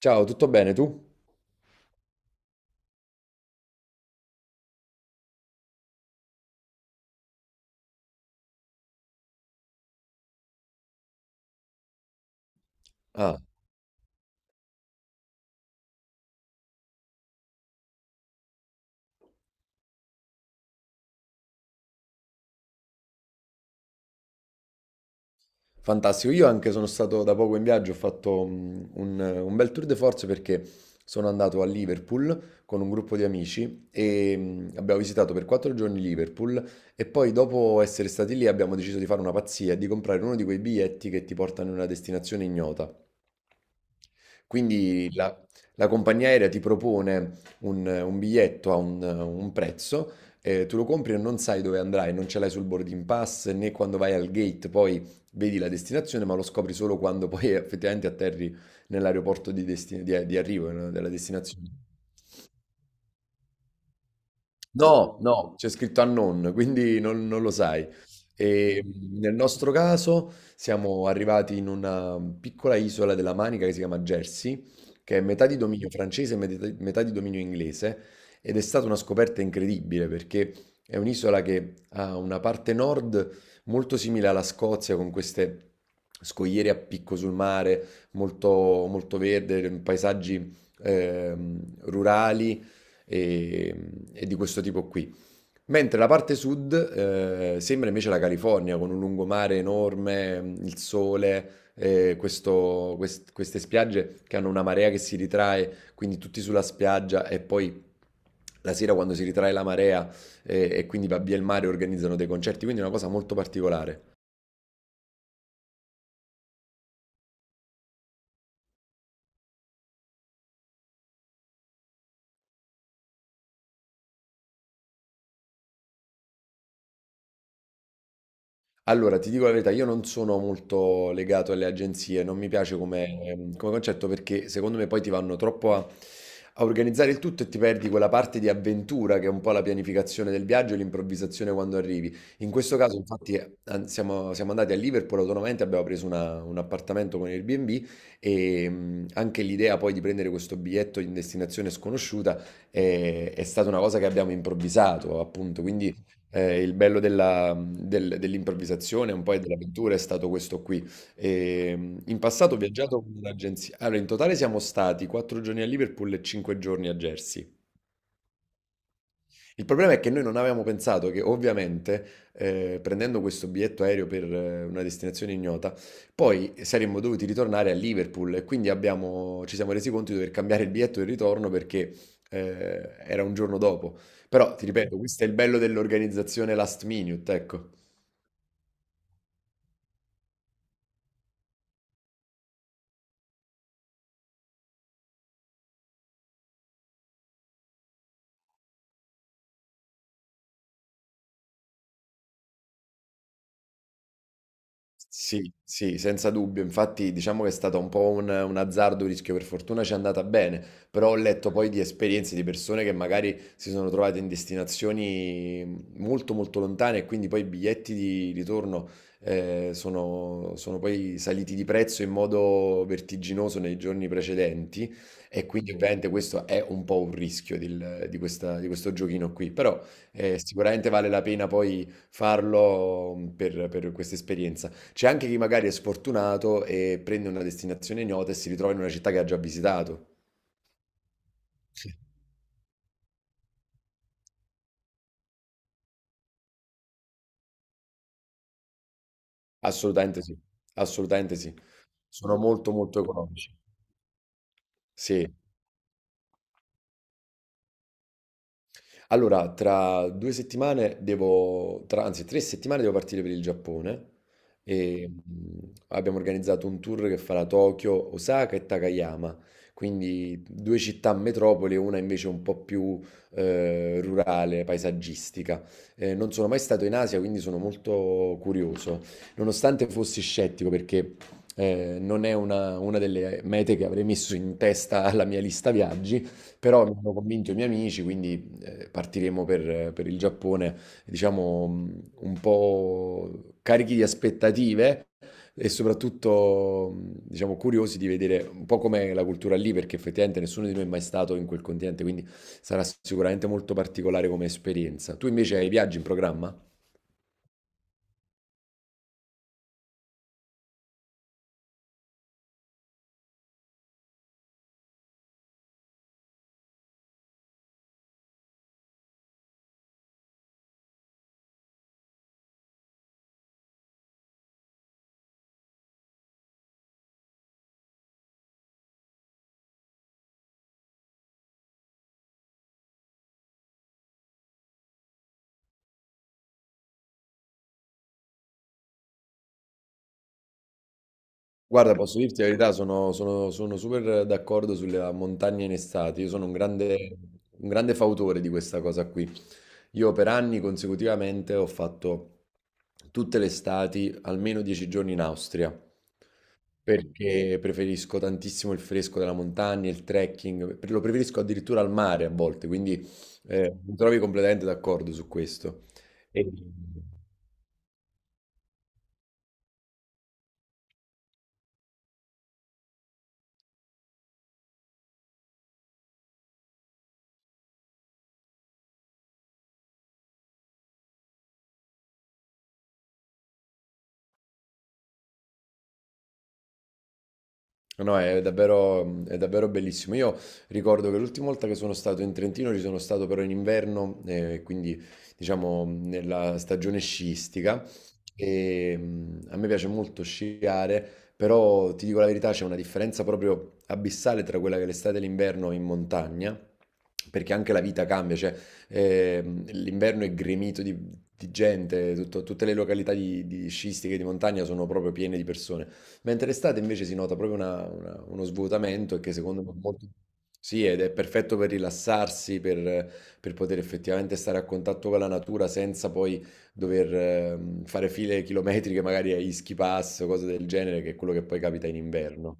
Ciao, tutto bene tu? Ah, fantastico. Io anche sono stato da poco in viaggio, ho fatto un bel tour de force perché sono andato a Liverpool con un gruppo di amici e abbiamo visitato per 4 giorni Liverpool e poi dopo essere stati lì abbiamo deciso di fare una pazzia e di comprare uno di quei biglietti che ti portano in una destinazione ignota. Quindi la compagnia aerea ti propone un biglietto a un prezzo, tu lo compri e non sai dove andrai, non ce l'hai sul boarding pass né quando vai al gate, poi vedi la destinazione, ma lo scopri solo quando poi effettivamente atterri nell'aeroporto di arrivo, no, della destinazione. No, no, c'è scritto unknown, quindi non lo sai. E, nel nostro caso siamo arrivati in una piccola isola della Manica che si chiama Jersey, che è metà di dominio francese e metà di dominio inglese, ed è stata una scoperta incredibile perché è un'isola che ha una parte nord molto simile alla Scozia, con queste scogliere a picco sul mare, molto, molto verde, paesaggi rurali e, e di questo tipo qui. Mentre la parte sud sembra invece la California, con un lungomare enorme, il sole, queste spiagge che hanno una marea che si ritrae, quindi tutti sulla spiaggia e poi, la sera quando si ritrae la marea, e quindi va via il mare, organizzano dei concerti, quindi è una cosa molto particolare. Allora, ti dico la verità, io non sono molto legato alle agenzie, non mi piace come concetto perché secondo me poi ti vanno troppo a organizzare il tutto e ti perdi quella parte di avventura che è un po' la pianificazione del viaggio e l'improvvisazione quando arrivi. In questo caso, infatti, siamo andati a Liverpool autonomamente, abbiamo preso un appartamento con Airbnb e anche l'idea poi di prendere questo biglietto in destinazione sconosciuta è stata una cosa che abbiamo improvvisato, appunto, quindi. Il bello della del dell'improvvisazione, un po' e dell'avventura è stato questo qui. In passato ho viaggiato con un'agenzia, allora in totale siamo stati 4 giorni a Liverpool e 5 giorni a Jersey. Il problema è che noi non avevamo pensato che ovviamente, prendendo questo biglietto aereo per una destinazione ignota, poi saremmo dovuti ritornare a Liverpool e quindi abbiamo ci siamo resi conto di dover cambiare il biglietto del ritorno perché, era un giorno dopo. Però ti ripeto, questo è il bello dell'organizzazione last minute, ecco. Sì, sì, senza dubbio. Infatti, diciamo che è stato un po' un azzardo, un rischio. Per fortuna ci è andata bene, però ho letto poi di esperienze di persone che magari si sono trovate in destinazioni molto, molto lontane e quindi poi i biglietti di ritorno sono poi saliti di prezzo in modo vertiginoso nei giorni precedenti e quindi ovviamente questo è un po' un rischio di questo giochino qui, però sicuramente vale la pena poi farlo mhmm, per questa esperienza. C'è anche chi magari è sfortunato e prende una destinazione ignota e si ritrova in una città che ha già visitato. Sì. Assolutamente sì, assolutamente sì. Sono molto molto economici. Sì. Allora, tra 2 settimane devo, anzi 3 settimane devo partire per il Giappone e abbiamo organizzato un tour che farà Tokyo, Osaka e Takayama, quindi due città metropoli, una invece un po' più rurale, paesaggistica. Non sono mai stato in Asia, quindi sono molto curioso, nonostante fossi scettico perché non è una delle mete che avrei messo in testa alla mia lista viaggi. Però mi hanno convinto i miei amici, quindi partiremo per il Giappone, diciamo, un po' carichi di aspettative e soprattutto, diciamo, curiosi di vedere un po' com'è la cultura lì, perché effettivamente nessuno di noi è mai stato in quel continente, quindi sarà sicuramente molto particolare come esperienza. Tu invece hai viaggi in programma? Guarda, posso dirti la verità, sono super d'accordo sulle montagne in estate. Io sono un grande fautore di questa cosa qui. Io per anni consecutivamente ho fatto tutte le estati almeno 10 giorni in Austria, perché preferisco tantissimo il fresco della montagna, il trekking, lo preferisco addirittura al mare a volte, quindi mi trovi completamente d'accordo su questo. E- No, è davvero bellissimo. Io ricordo che l'ultima volta che sono stato in Trentino ci sono stato però in inverno, quindi diciamo nella stagione sciistica. E, a me piace molto sciare, però ti dico la verità, c'è una differenza proprio abissale tra quella che è l'estate e l'inverno in montagna, perché anche la vita cambia, cioè l'inverno è gremito di gente, tutte le località di sciistiche di montagna sono proprio piene di persone. Mentre estate invece si nota proprio uno svuotamento e che secondo me è molto. Sì, ed è perfetto per rilassarsi, per poter effettivamente stare a contatto con la natura senza poi dover fare file chilometriche, magari a Ischia Pass o cose del genere, che è quello che poi capita in inverno.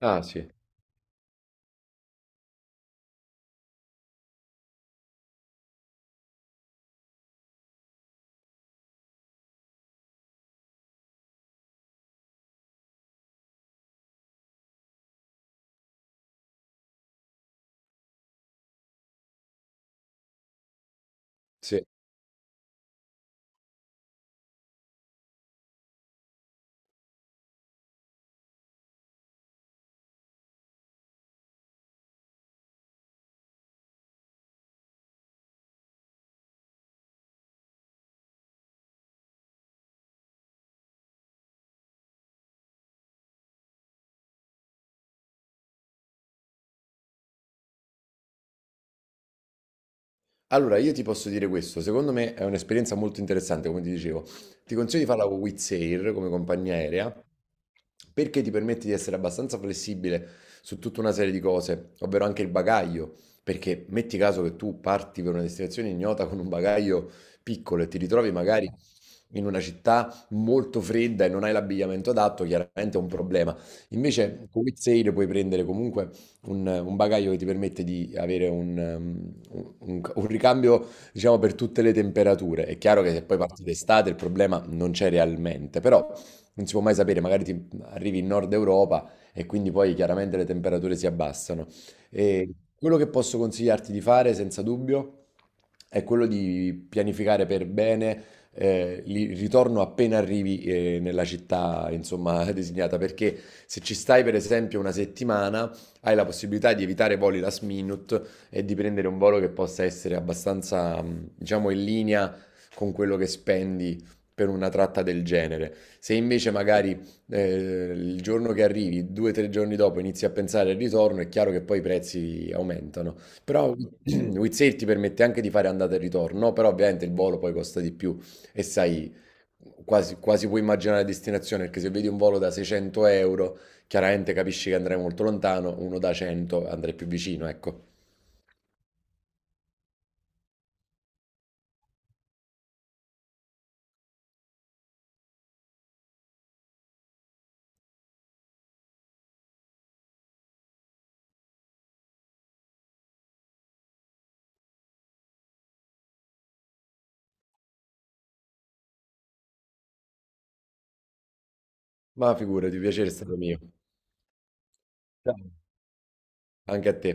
Ah, sì. Sì. Allora, io ti posso dire questo, secondo me è un'esperienza molto interessante, come ti dicevo. Ti consiglio di farla con Wizz Air come compagnia aerea, perché ti permette di essere abbastanza flessibile su tutta una serie di cose, ovvero anche il bagaglio, perché metti caso che tu parti per una destinazione ignota con un bagaglio piccolo e ti ritrovi magari in una città molto fredda e non hai l'abbigliamento adatto, chiaramente è un problema. Invece con Wizz Air puoi prendere comunque un bagaglio che ti permette di avere un ricambio, diciamo, per tutte le temperature. È chiaro che se poi parti d'estate il problema non c'è realmente, però non si può mai sapere, magari ti arrivi in Nord Europa e quindi poi chiaramente le temperature si abbassano. E quello che posso consigliarti di fare, senza dubbio, è quello di pianificare per bene il ritorno appena arrivi nella città, insomma, designata, perché se ci stai per esempio una settimana, hai la possibilità di evitare voli last minute e di prendere un volo che possa essere abbastanza, diciamo, in linea con quello che spendi per una tratta del genere. Se invece magari il giorno che arrivi, 2 o 3 giorni dopo, inizi a pensare al ritorno, è chiaro che poi i prezzi aumentano. Però Wizzair ti permette anche di fare andata e ritorno, no? Però ovviamente il volo poi costa di più e sai, quasi, quasi puoi immaginare la destinazione, perché se vedi un volo da 600 euro. Chiaramente capisci che andrai molto lontano, uno da 100 andrai più vicino, ecco. Ma figurati, piacere è stato mio. Ciao. Anche a te.